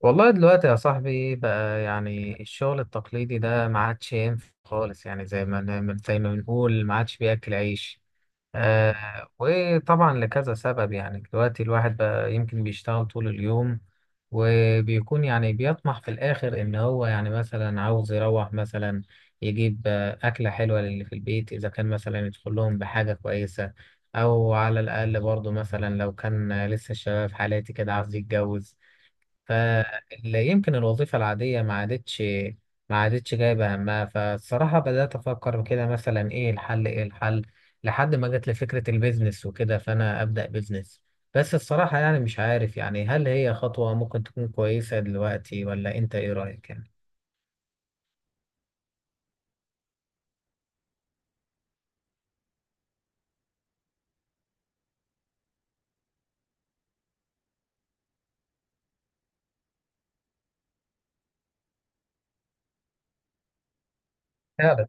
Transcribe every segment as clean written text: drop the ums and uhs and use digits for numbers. والله دلوقتي يا صاحبي بقى، يعني الشغل التقليدي ده ما عادش ينفع خالص. يعني زي ما نعمل زي ما بنقول ما عادش بياكل عيش. وطبعا لكذا سبب، يعني دلوقتي الواحد بقى يمكن بيشتغل طول اليوم، وبيكون يعني بيطمح في الآخر إن هو يعني مثلا عاوز يروح مثلا يجيب أكلة حلوة للي في البيت، إذا كان مثلا يدخل لهم بحاجة كويسة. أو على الأقل برضه مثلا لو كان لسه الشباب في حالاتي كده عاوز يتجوز. فيمكن الوظيفة العادية ما عادتش جايبة همها. فالصراحة بدأت أفكر كده، مثلا إيه الحل إيه الحل؟ لحد ما جت لي فكرة البيزنس وكده، فأنا أبدأ بيزنس. بس الصراحة يعني مش عارف، يعني هل هي خطوة ممكن تكون كويسة دلوقتي؟ ولا أنت إيه رأيك؟ يعني؟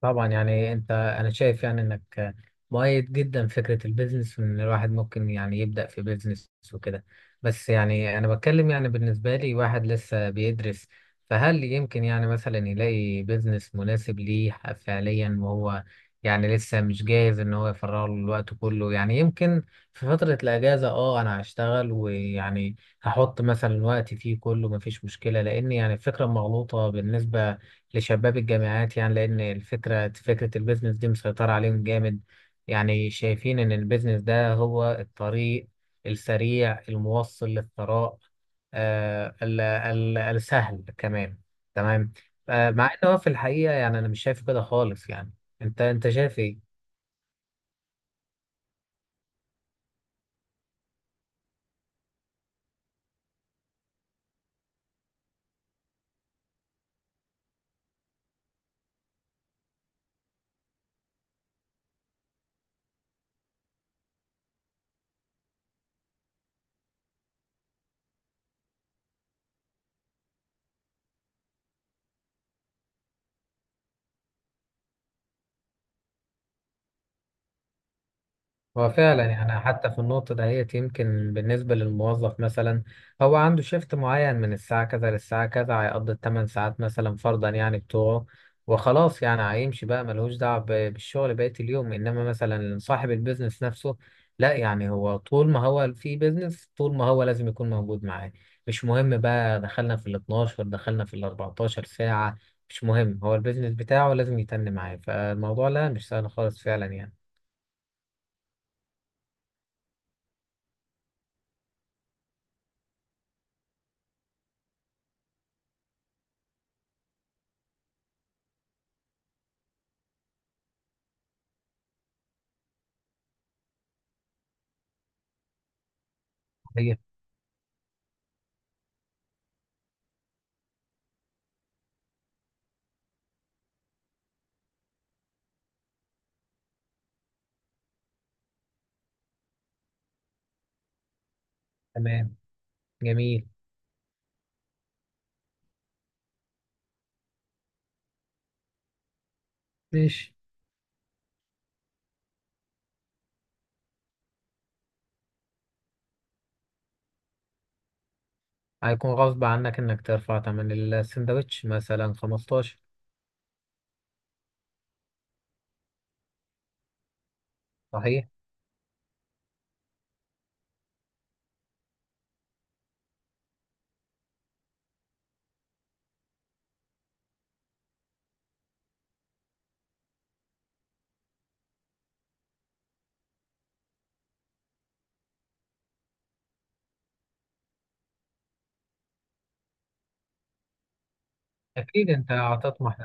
طبعا يعني انا شايف يعني انك مؤيد جدا فكرة البيزنس، وان الواحد ممكن يعني يبدأ في بيزنس وكده. بس يعني انا بتكلم يعني بالنسبة لي، واحد لسه بيدرس. فهل يمكن يعني مثلا يلاقي بيزنس مناسب ليه فعليا، وهو يعني لسه مش جاهز ان هو يفرغ له الوقت كله؟ يعني يمكن في فترة الاجازة انا هشتغل، ويعني هحط مثلا وقتي فيه كله مفيش مشكلة. لان يعني الفكرة مغلوطة بالنسبة لشباب الجامعات يعني، لأن الفكرة فكرة البيزنس دي مسيطرة عليهم جامد. يعني شايفين إن البيزنس ده هو الطريق السريع الموصل للثراء. آه ال السهل كمان. تمام. مع إن هو في الحقيقة يعني أنا مش شايف كده خالص يعني. أنت شايف إيه؟ هو فعلا يعني حتى في النقطة دهيت، يمكن بالنسبة للموظف مثلا، هو عنده شيفت معين من الساعة كذا للساعة كذا، هيقضي الثمان ساعات مثلا فرضا يعني بتوعه، وخلاص يعني هيمشي بقى ملهوش دعوة بالشغل بقية اليوم. إنما مثلا صاحب البيزنس نفسه، لا يعني هو طول ما هو في بيزنس، طول ما هو لازم يكون موجود معاه. مش مهم بقى دخلنا في ال 12 دخلنا في ال 14 ساعة، مش مهم، هو البيزنس بتاعه لازم يتن معاه. فالموضوع لا مش سهل خالص فعلا يعني. طيب. تمام. جميل. ماشي. هيكون غصب عنك انك ترفع تمن السندوتش مثلا 15. صحيح. اكيد انت هتطمح.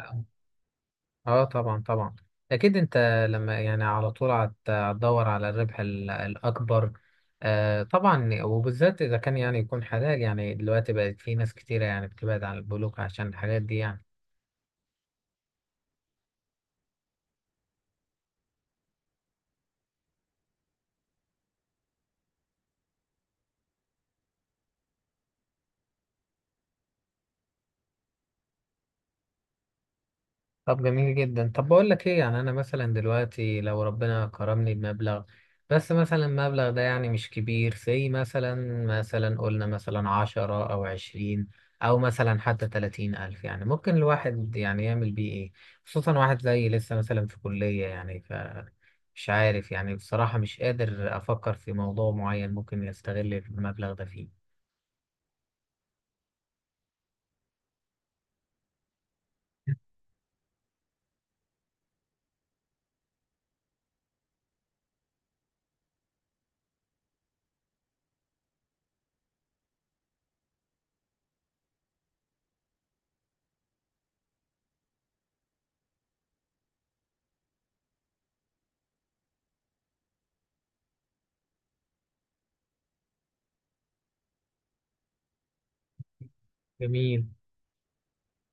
اه، طبعا طبعا. اكيد انت لما يعني على طول هتدور على الربح الاكبر. آه طبعا، وبالذات اذا كان يعني يكون حلال. يعني دلوقتي بقت في ناس كتيرة يعني بتبعد عن البنوك عشان الحاجات دي يعني. طب جميل جدا. طب بقول لك ايه؟ يعني انا مثلا دلوقتي لو ربنا كرمني بمبلغ، بس مثلا المبلغ ده يعني مش كبير، زي مثلا، مثلا قلنا مثلا 10 او 20، او مثلا حتى 30 ألف، يعني ممكن الواحد يعني يعمل بيه ايه؟ خصوصا واحد زي لسه مثلا في كلية يعني. فمش عارف يعني، بصراحة مش قادر افكر في موضوع معين ممكن يستغل المبلغ ده فيه. جميل.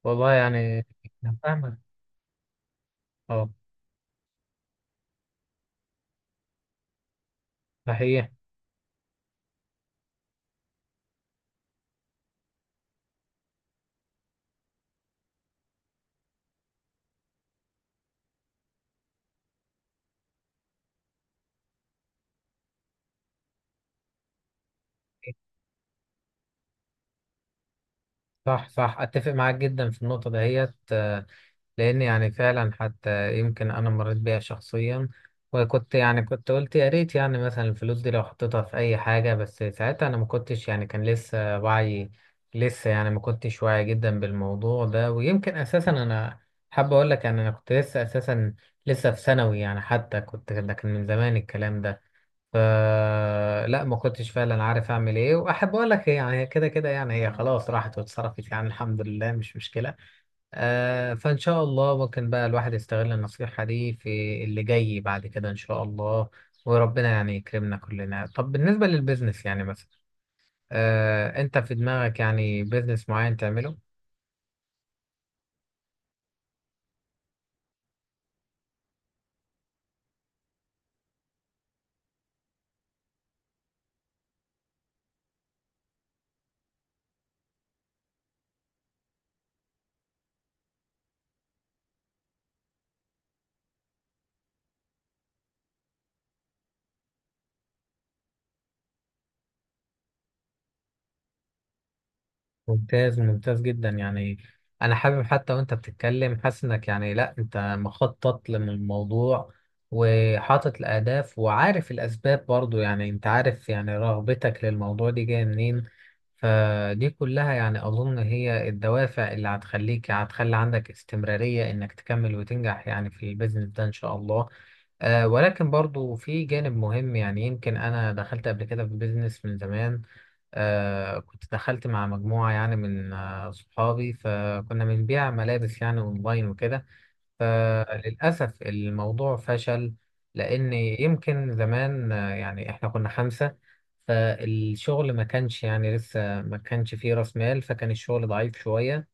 والله يعني. أنا فاهمك. اه. صحيح. صح صح، اتفق معاك جدا في النقطه دهيت. لان يعني فعلا حتى يمكن انا مريت بيها شخصيا، وكنت يعني كنت قلت يا ريت يعني مثلا الفلوس دي لو حطيتها في اي حاجه. بس ساعتها انا ما كنتش يعني، كان لسه وعي، لسه يعني ما كنتش واعي جدا بالموضوع ده. ويمكن اساسا انا حابب اقول لك، يعني انا كنت لسه اساسا لسه في ثانوي يعني، حتى كنت ده كان من زمان الكلام ده. فلا ما كنتش فعلا عارف اعمل ايه. واحب اقول لك يعني هي كده كده يعني هي خلاص راحت واتصرفت يعني، الحمد لله مش مشكله. آه فان شاء الله ممكن بقى الواحد يستغل النصيحه دي في اللي جاي بعد كده ان شاء الله. وربنا يعني يكرمنا كلنا. طب بالنسبه للبيزنس يعني مثلا، انت في دماغك يعني بيزنس معين تعمله؟ ممتاز. ممتاز جدا يعني. انا حابب حتى وانت بتتكلم حاسس انك، يعني لا انت مخطط للموضوع وحاطط الاهداف وعارف الاسباب برضو. يعني انت عارف يعني رغبتك للموضوع دي جايه منين، فدي كلها يعني اظن هي الدوافع اللي هتخليك، هتخلي عندك استمرارية انك تكمل وتنجح يعني في البيزنس ده ان شاء الله. ولكن برضو في جانب مهم يعني. يمكن انا دخلت قبل كده في بيزنس من زمان، كنت دخلت مع مجموعة يعني من صحابي، فكنا بنبيع ملابس يعني أونلاين وكده. فللأسف الموضوع فشل، لأن يمكن زمان آه يعني إحنا كنا خمسة، فالشغل ما كانش يعني لسه ما كانش فيه رأس مال. فكان الشغل ضعيف شوية،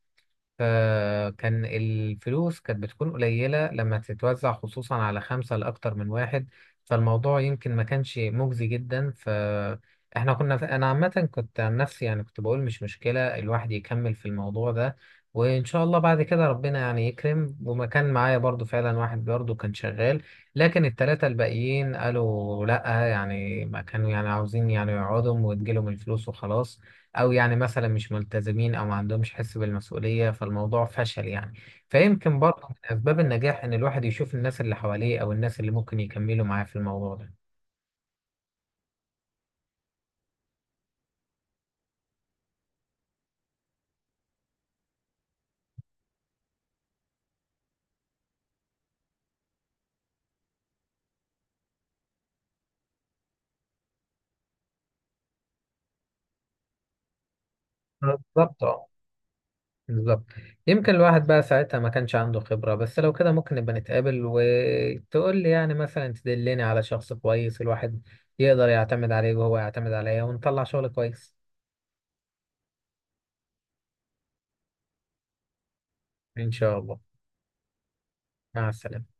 فكان الفلوس كانت بتكون قليلة لما تتوزع، خصوصا على خمسة لأكتر من واحد. فالموضوع يمكن ما كانش مجزي جدا. فإحنا كنا أنا عامة كنت عن نفسي يعني كنت بقول مش مشكلة الواحد يكمل في الموضوع ده، وإن شاء الله بعد كده ربنا يعني يكرم. وما كان معايا برضو فعلا واحد برضو كان شغال. لكن التلاتة الباقيين قالوا لأ، يعني ما كانوا يعني عاوزين يعني يقعدوا وتجيلهم الفلوس وخلاص، او يعني مثلا مش ملتزمين او ما عندهمش حس بالمسؤوليه. فالموضوع فشل يعني. فيمكن برضه من اسباب النجاح ان الواحد يشوف الناس اللي حواليه او الناس اللي ممكن يكملوا معاه في الموضوع ده. بالظبط اه، بالظبط. يمكن الواحد بقى ساعتها ما كانش عنده خبره. بس لو كده ممكن نبقى نتقابل وتقول لي يعني مثلا تدلني على شخص كويس، الواحد يقدر يعتمد عليه وهو يعتمد عليا، ونطلع شغل كويس. ان شاء الله. مع السلامه.